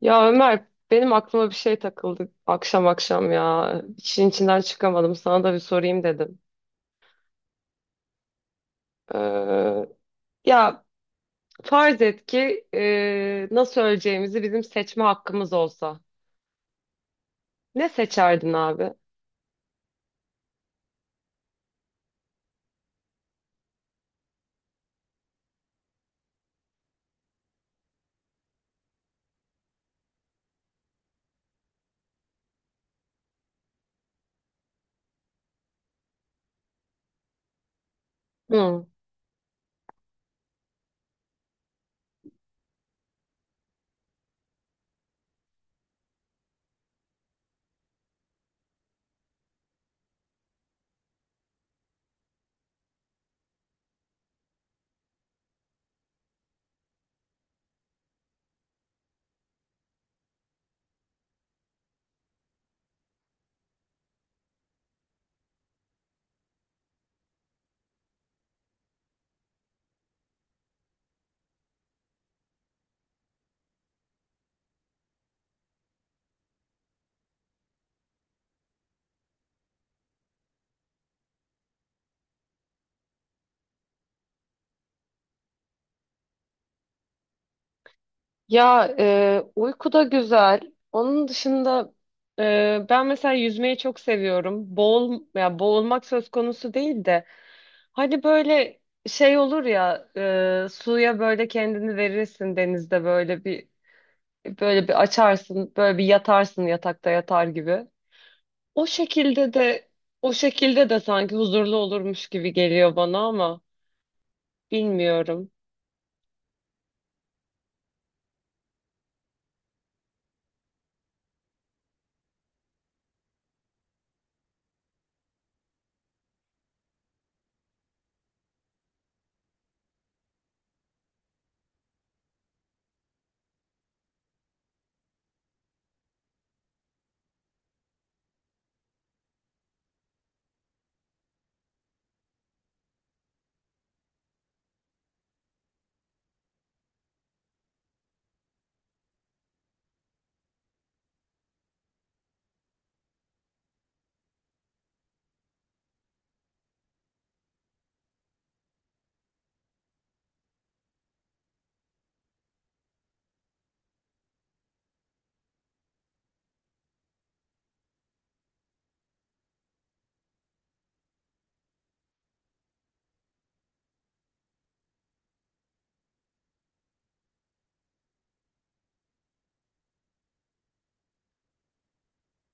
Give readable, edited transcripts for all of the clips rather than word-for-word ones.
Ya Ömer benim aklıma bir şey takıldı akşam akşam ya. İşin içinden çıkamadım. Sana da bir sorayım dedim. Ee, ya farz et ki nasıl öleceğimizi bizim seçme hakkımız olsa. Ne seçerdin abi? Hı. Ya uyku da güzel. Onun dışında ben mesela yüzmeyi çok seviyorum. Ya boğulmak söz konusu değil de hani böyle şey olur ya, suya böyle kendini verirsin, denizde böyle bir açarsın, böyle bir yatarsın, yatakta yatar gibi. O şekilde de o şekilde de sanki huzurlu olurmuş gibi geliyor bana ama bilmiyorum.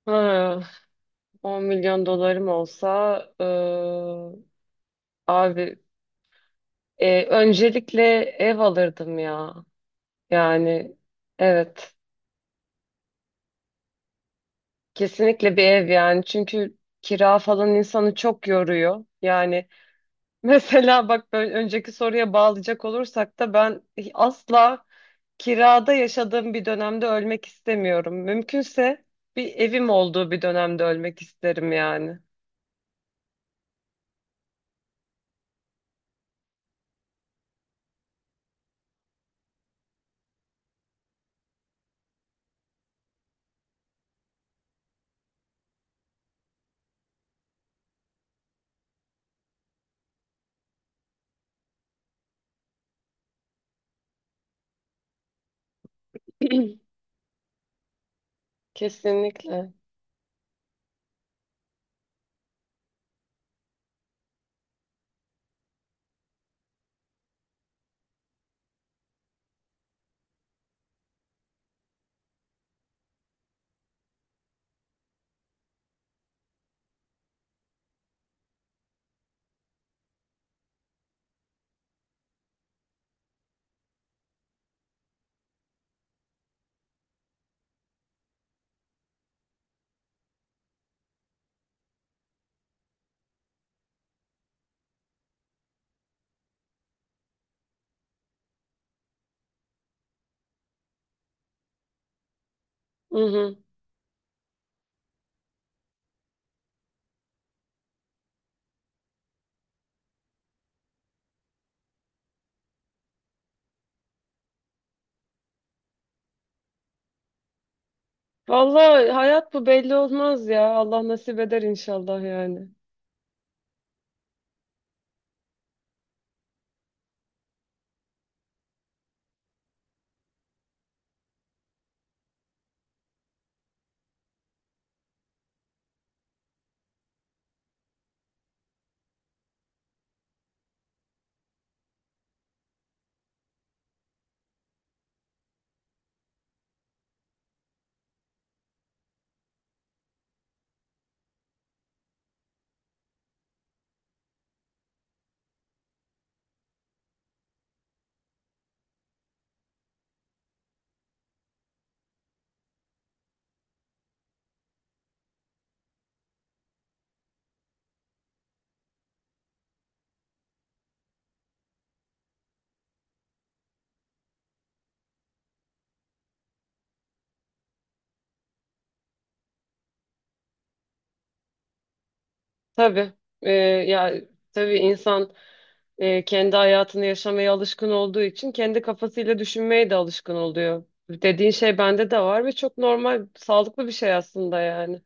Ha, 10 milyon dolarım olsa, abi, öncelikle ev alırdım ya. Yani evet, kesinlikle bir ev, yani çünkü kira falan insanı çok yoruyor. Yani mesela bak, böyle önceki soruya bağlayacak olursak da ben asla kirada yaşadığım bir dönemde ölmek istemiyorum. Mümkünse bir evim olduğu bir dönemde ölmek isterim yani. Kesinlikle. Hı hı. Vallahi hayat bu, belli olmaz ya. Allah nasip eder inşallah yani. Tabii. Ya tabii insan kendi hayatını yaşamaya alışkın olduğu için kendi kafasıyla düşünmeye de alışkın oluyor. Dediğin şey bende de var ve çok normal, sağlıklı bir şey aslında yani.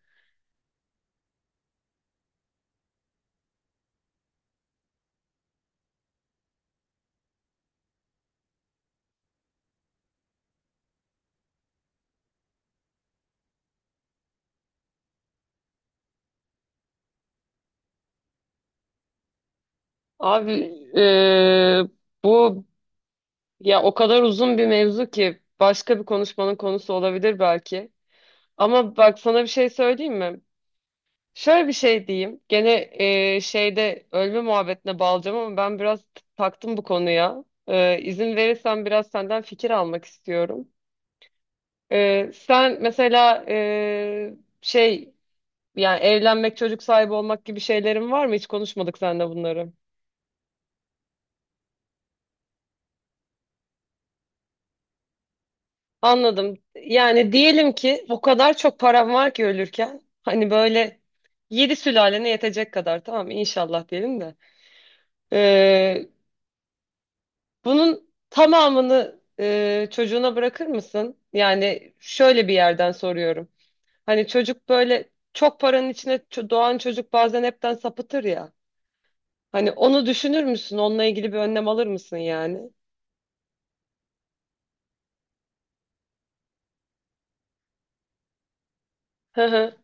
Abi, e, bu, ya o kadar uzun bir mevzu ki başka bir konuşmanın konusu olabilir belki. Ama bak, sana bir şey söyleyeyim mi? Şöyle bir şey diyeyim. Gene şeyde, ölme muhabbetine bağlayacağım ama ben biraz taktım bu konuya. E, izin verirsen biraz senden fikir almak istiyorum. E, sen mesela, şey, yani evlenmek, çocuk sahibi olmak gibi şeylerin var mı? Hiç konuşmadık seninle bunları. Anladım. Yani diyelim ki o kadar çok param var ki ölürken hani böyle yedi sülalene yetecek kadar, tamam mı? İnşallah diyelim de. Bunun tamamını çocuğuna bırakır mısın? Yani şöyle bir yerden soruyorum. Hani çocuk böyle, çok paranın içine ço- doğan çocuk bazen hepten sapıtır ya. Hani onu düşünür müsün? Onunla ilgili bir önlem alır mısın yani? Hı hı.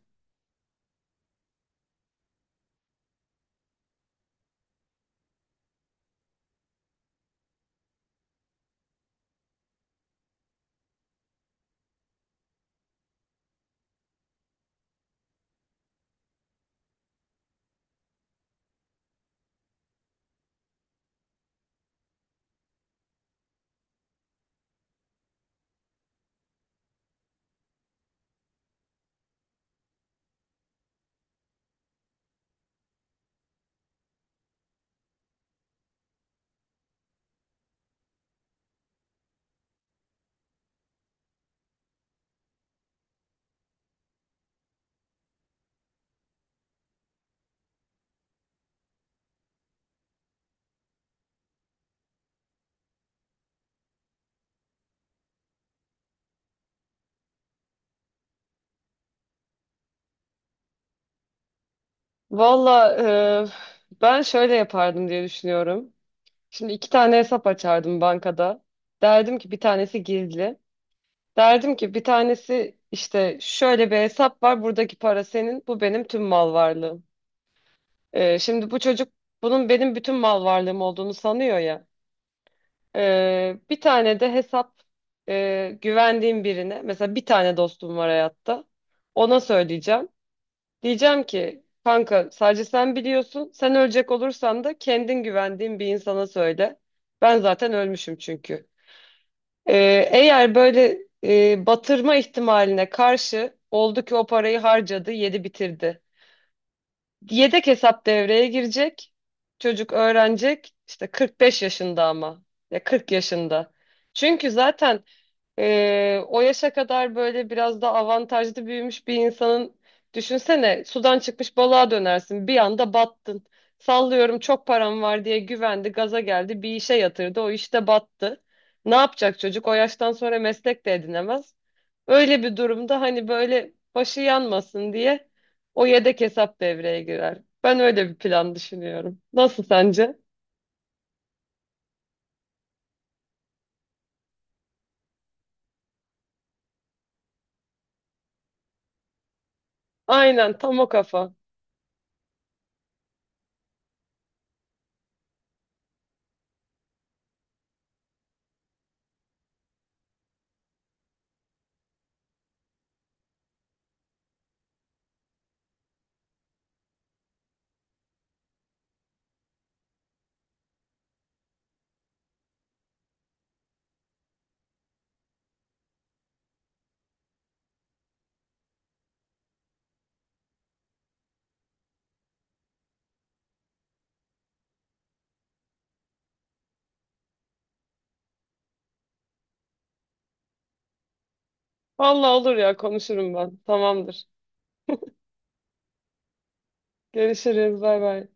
Valla, ben şöyle yapardım diye düşünüyorum. Şimdi iki tane hesap açardım bankada. Derdim ki bir tanesi gizli. Derdim ki bir tanesi işte şöyle bir hesap var. Buradaki para senin, bu benim tüm mal varlığım. Şimdi bu çocuk bunun benim bütün mal varlığım olduğunu sanıyor ya. Bir tane de hesap, güvendiğim birine, mesela bir tane dostum var hayatta. Ona söyleyeceğim. Diyeceğim ki kanka, sadece sen biliyorsun. Sen ölecek olursan da kendin güvendiğin bir insana söyle. Ben zaten ölmüşüm çünkü. Eğer böyle batırma ihtimaline karşı oldu ki, o parayı harcadı, yedi bitirdi. Yedek hesap devreye girecek. Çocuk öğrenecek. İşte 45 yaşında ama. Ya 40 yaşında. Çünkü zaten o yaşa kadar böyle biraz da avantajlı büyümüş bir insanın, düşünsene, sudan çıkmış balığa dönersin, bir anda battın. Sallıyorum çok param var diye güvendi, gaza geldi, bir işe yatırdı, o işte battı. Ne yapacak çocuk? O yaştan sonra meslek de edinemez. Öyle bir durumda hani böyle başı yanmasın diye o yedek hesap devreye girer. Ben öyle bir plan düşünüyorum. Nasıl, sence? Aynen, tam o kafa. Vallahi olur ya, konuşurum ben. Tamamdır. Görüşürüz. Bay bay.